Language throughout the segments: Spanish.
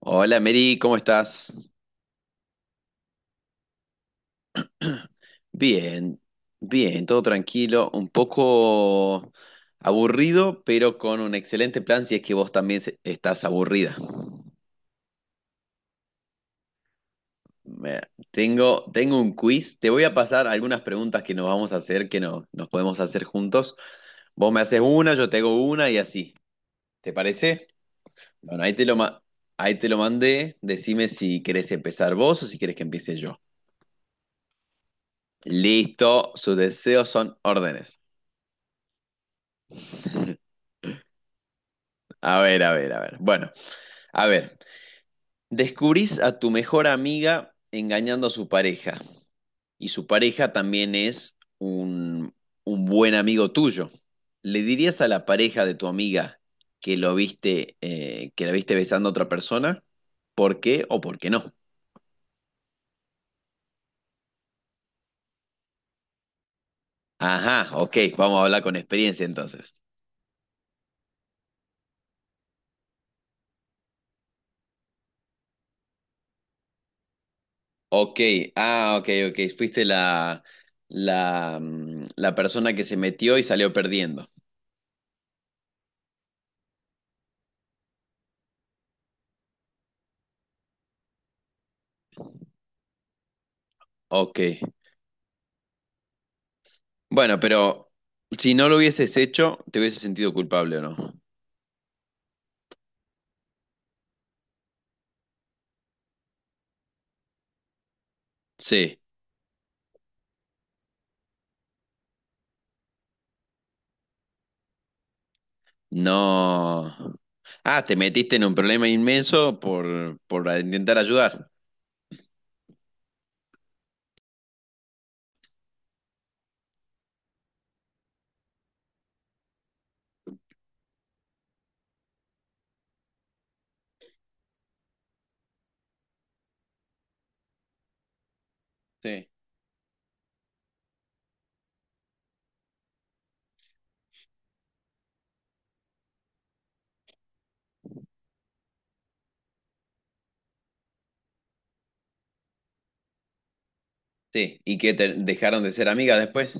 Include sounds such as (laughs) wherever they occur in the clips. Hola Mary, ¿cómo estás? Bien, bien, todo tranquilo, un poco aburrido, pero con un excelente plan si es que vos también estás aburrida. Me- tengo un quiz, te voy a pasar algunas preguntas que nos vamos a hacer, que no, nos podemos hacer juntos. Vos me haces una, yo te hago una y así. ¿Te parece? Bueno, ahí te lo mandé, decime si querés empezar vos o si querés que empiece yo. Listo, sus deseos son órdenes. A ver, a ver, a ver. Bueno, a ver. Descubrís a tu mejor amiga engañando a su pareja. Y su pareja también es un buen amigo tuyo. ¿Le dirías a la pareja de tu amiga que que la viste besando a otra persona? ¿Por qué o por qué no? Ajá, ok, vamos a hablar con experiencia entonces. Ok, ah, ok, ok. Fuiste la persona que se metió y salió perdiendo. Ok. Bueno, pero si no lo hubieses hecho, ¿te hubieses sentido culpable o no? Sí, no. Ah, te metiste en un problema inmenso por intentar ayudar. Sí, sí. ¿Y que te dejaron de ser amigas después?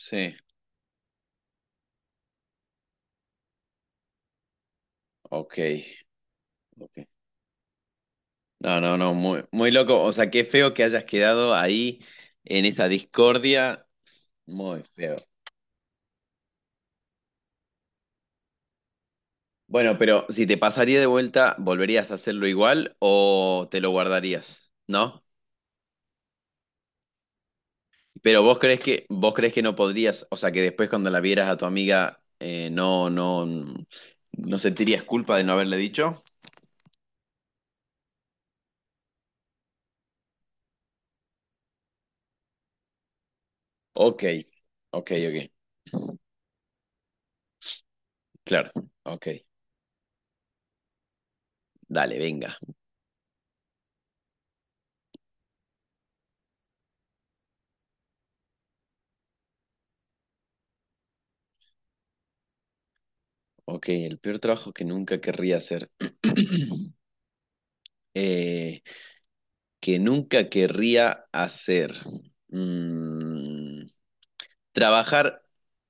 Sí, ok, ok. No, no, no, muy, muy loco. O sea, qué feo que hayas quedado ahí en esa discordia. Muy feo. Bueno, pero si te pasaría de vuelta, ¿volverías a hacerlo igual o te lo guardarías? ¿No? Pero vos crees que no podrías, o sea, que después cuando la vieras a tu amiga, no, no sentirías culpa de no haberle dicho. Ok, ok, ok, claro, ok, dale, venga. Ok, el peor trabajo que nunca querría hacer. (clears throat) Eh, que nunca querría hacer. Mm, Trabajar,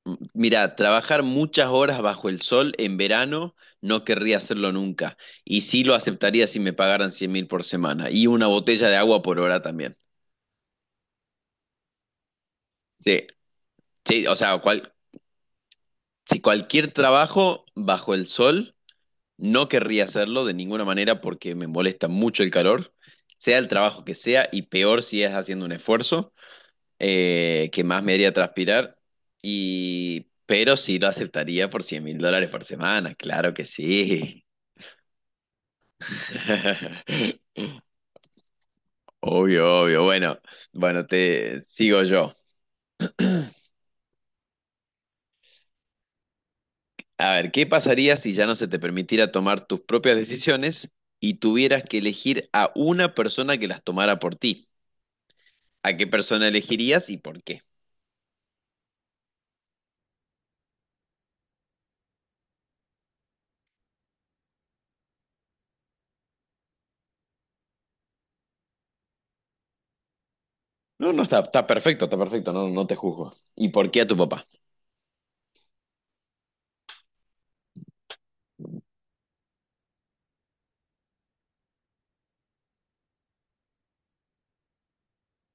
mirá, trabajar muchas horas bajo el sol en verano no querría hacerlo nunca. Y sí lo aceptaría si me pagaran 100.000 por semana. Y una botella de agua por hora también. Sí, sí, o sea, si cualquier trabajo bajo el sol, no querría hacerlo de ninguna manera porque me molesta mucho el calor, sea el trabajo que sea, y peor si es haciendo un esfuerzo. Que más me haría transpirar, pero sí lo aceptaría por $100.000 por semana, claro que sí. (laughs) Obvio, obvio. Bueno, bueno, te sigo yo. A ver, ¿qué pasaría si ya no se te permitiera tomar tus propias decisiones y tuvieras que elegir a una persona que las tomara por ti? ¿A qué persona elegirías y por qué? No, no, está, está perfecto, no, no te juzgo. ¿Y por qué a tu papá?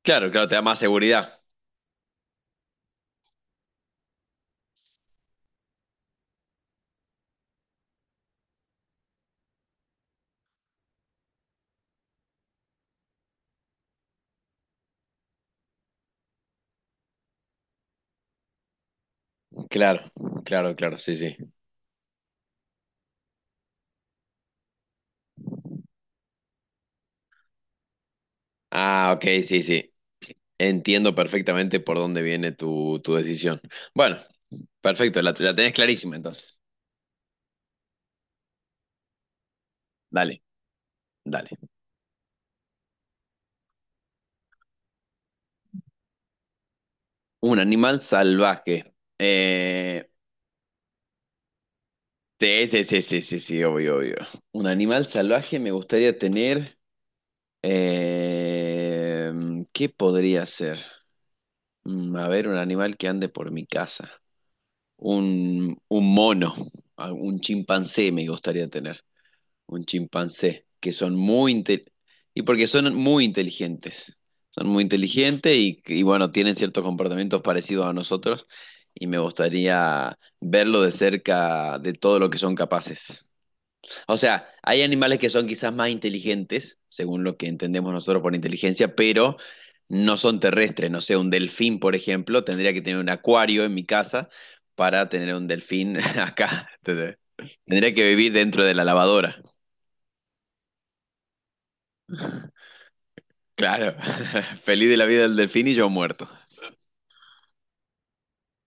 Claro, claro, te da más seguridad. Claro, claro, claro, sí, sí. Ah, ok, sí, sí. Entiendo perfectamente por dónde viene tu decisión. Bueno, perfecto, la tenés clarísima entonces. Dale, dale. Un animal salvaje. Eh, sí, sí, sí, sí, sí, sí, obvio, obvio. Un animal salvaje me gustaría tener. eh, ¿Qué podría ser? A ver, un animal que ande por mi casa. Un mono, un chimpancé me gustaría tener. Un chimpancé, que son muy inte- y porque son muy inteligentes. Son muy inteligentes y bueno, tienen ciertos comportamientos parecidos a nosotros y me gustaría verlo de cerca de todo lo que son capaces. O sea, hay animales que son quizás más inteligentes, según lo que entendemos nosotros por inteligencia, pero no son terrestres. No sé, un delfín, por ejemplo, tendría que tener un acuario en mi casa para tener un delfín (laughs) acá. Tendría que vivir dentro de la lavadora. Claro, (laughs) feliz de la vida del delfín y yo muerto.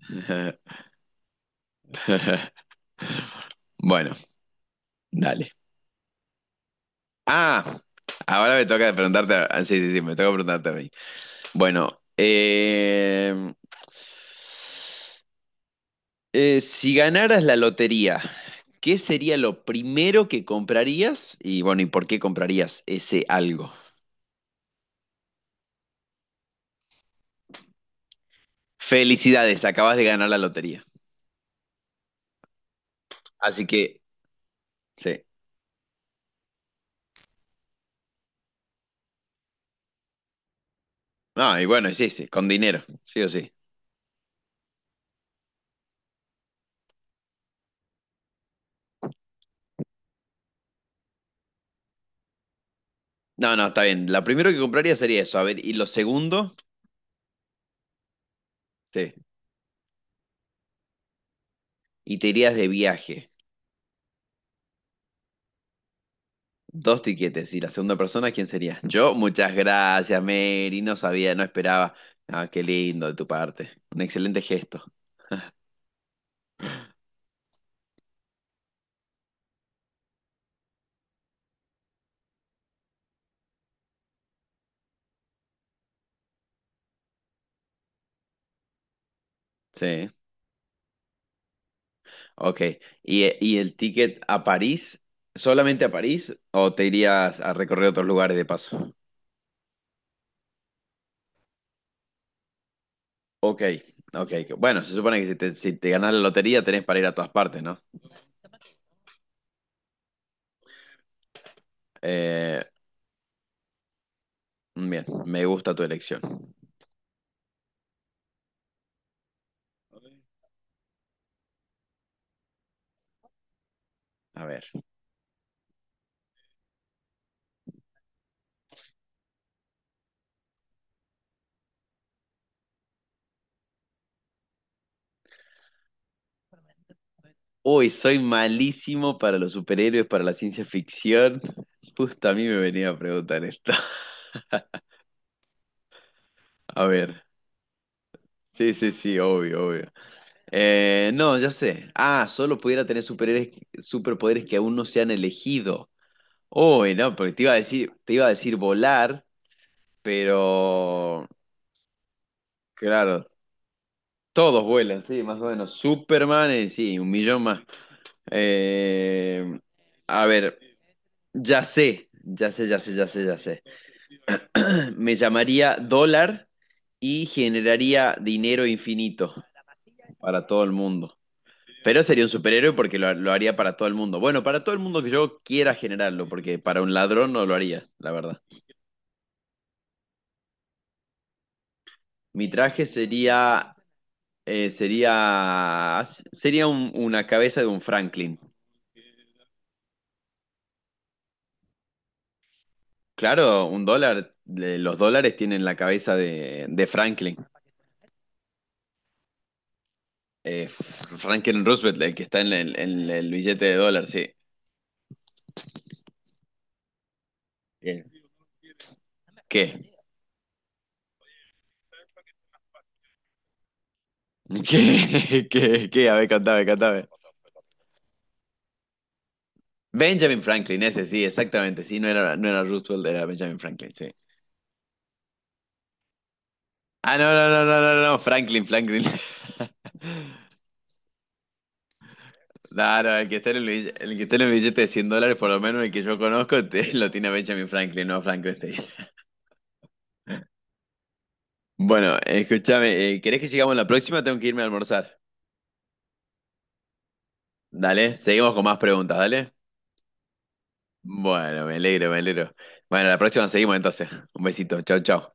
(laughs) Bueno, dale. Ah, ahora me toca preguntarte. Sí, sí, sí, me toca preguntarte a mí. Bueno, si ganaras la lotería, ¿qué sería lo primero que comprarías? Y bueno, ¿y por qué comprarías ese algo? Felicidades, acabas de ganar la lotería. Así que, sí. Ah, y bueno, sí, sí, con dinero, sí o sí. No, no, está bien. La primero que compraría sería eso. A ver, y lo segundo, sí. Y te irías de viaje. Dos tiquetes. Y la segunda persona, ¿quién sería? Yo, muchas gracias, Mary. No sabía, no esperaba. Ah, qué lindo de tu parte. Un excelente gesto. Sí. Ok. ¿Y el ticket a París? ¿Solamente a París? ¿O te irías a recorrer otros lugares de paso? Ok, ok. Bueno, se supone que si te ganas la lotería tenés para ir a todas partes, ¿no? Eh, Bien, me gusta tu elección. A ver. Uy, soy malísimo para los superhéroes, para la ciencia ficción. Justo a mí me venía a preguntar esto. (laughs) A ver. Sí, sí, sí, obvio, obvio. No, ya sé. Ah, solo pudiera tener superpoderes que aún no se han elegido. Uy, no, porque te iba a decir volar, pero claro, todos vuelan, sí, más o menos. Superman, sí, un millón más. Eh, a ver, ya sé, ya sé, ya sé, ya sé, ya sé. Me llamaría dólar y generaría dinero infinito para todo el mundo. Pero sería un superhéroe porque lo haría para todo el mundo. Bueno, para todo el mundo que yo quiera generarlo, porque para un ladrón no lo haría, la verdad. Mi traje eh, sería, sería una cabeza de un Franklin. Claro, un dólar, los dólares tienen la cabeza de Franklin. Eh, Franklin Roosevelt, el que está en el billete de dólar, sí. Bien. ¿Qué? ¿Qué, qué, qué? A ver, cantame, cantame. Benjamin Franklin, ese sí, exactamente. Sí, no era Roosevelt, era Benjamin Franklin, sí. Ah, no, no, no, no, no, no, Franklin, Franklin. (laughs) No, no, el que está en el billete, el que está en el billete de $100, por lo menos el que yo conozco, (laughs) lo tiene Benjamin Franklin, no Frankenstein. Bueno, escúchame, ¿querés que sigamos la próxima? Tengo que irme a almorzar. Dale, seguimos con más preguntas, dale. Bueno, me alegro, me alegro. Bueno, la próxima seguimos entonces. Un besito, chao, chao.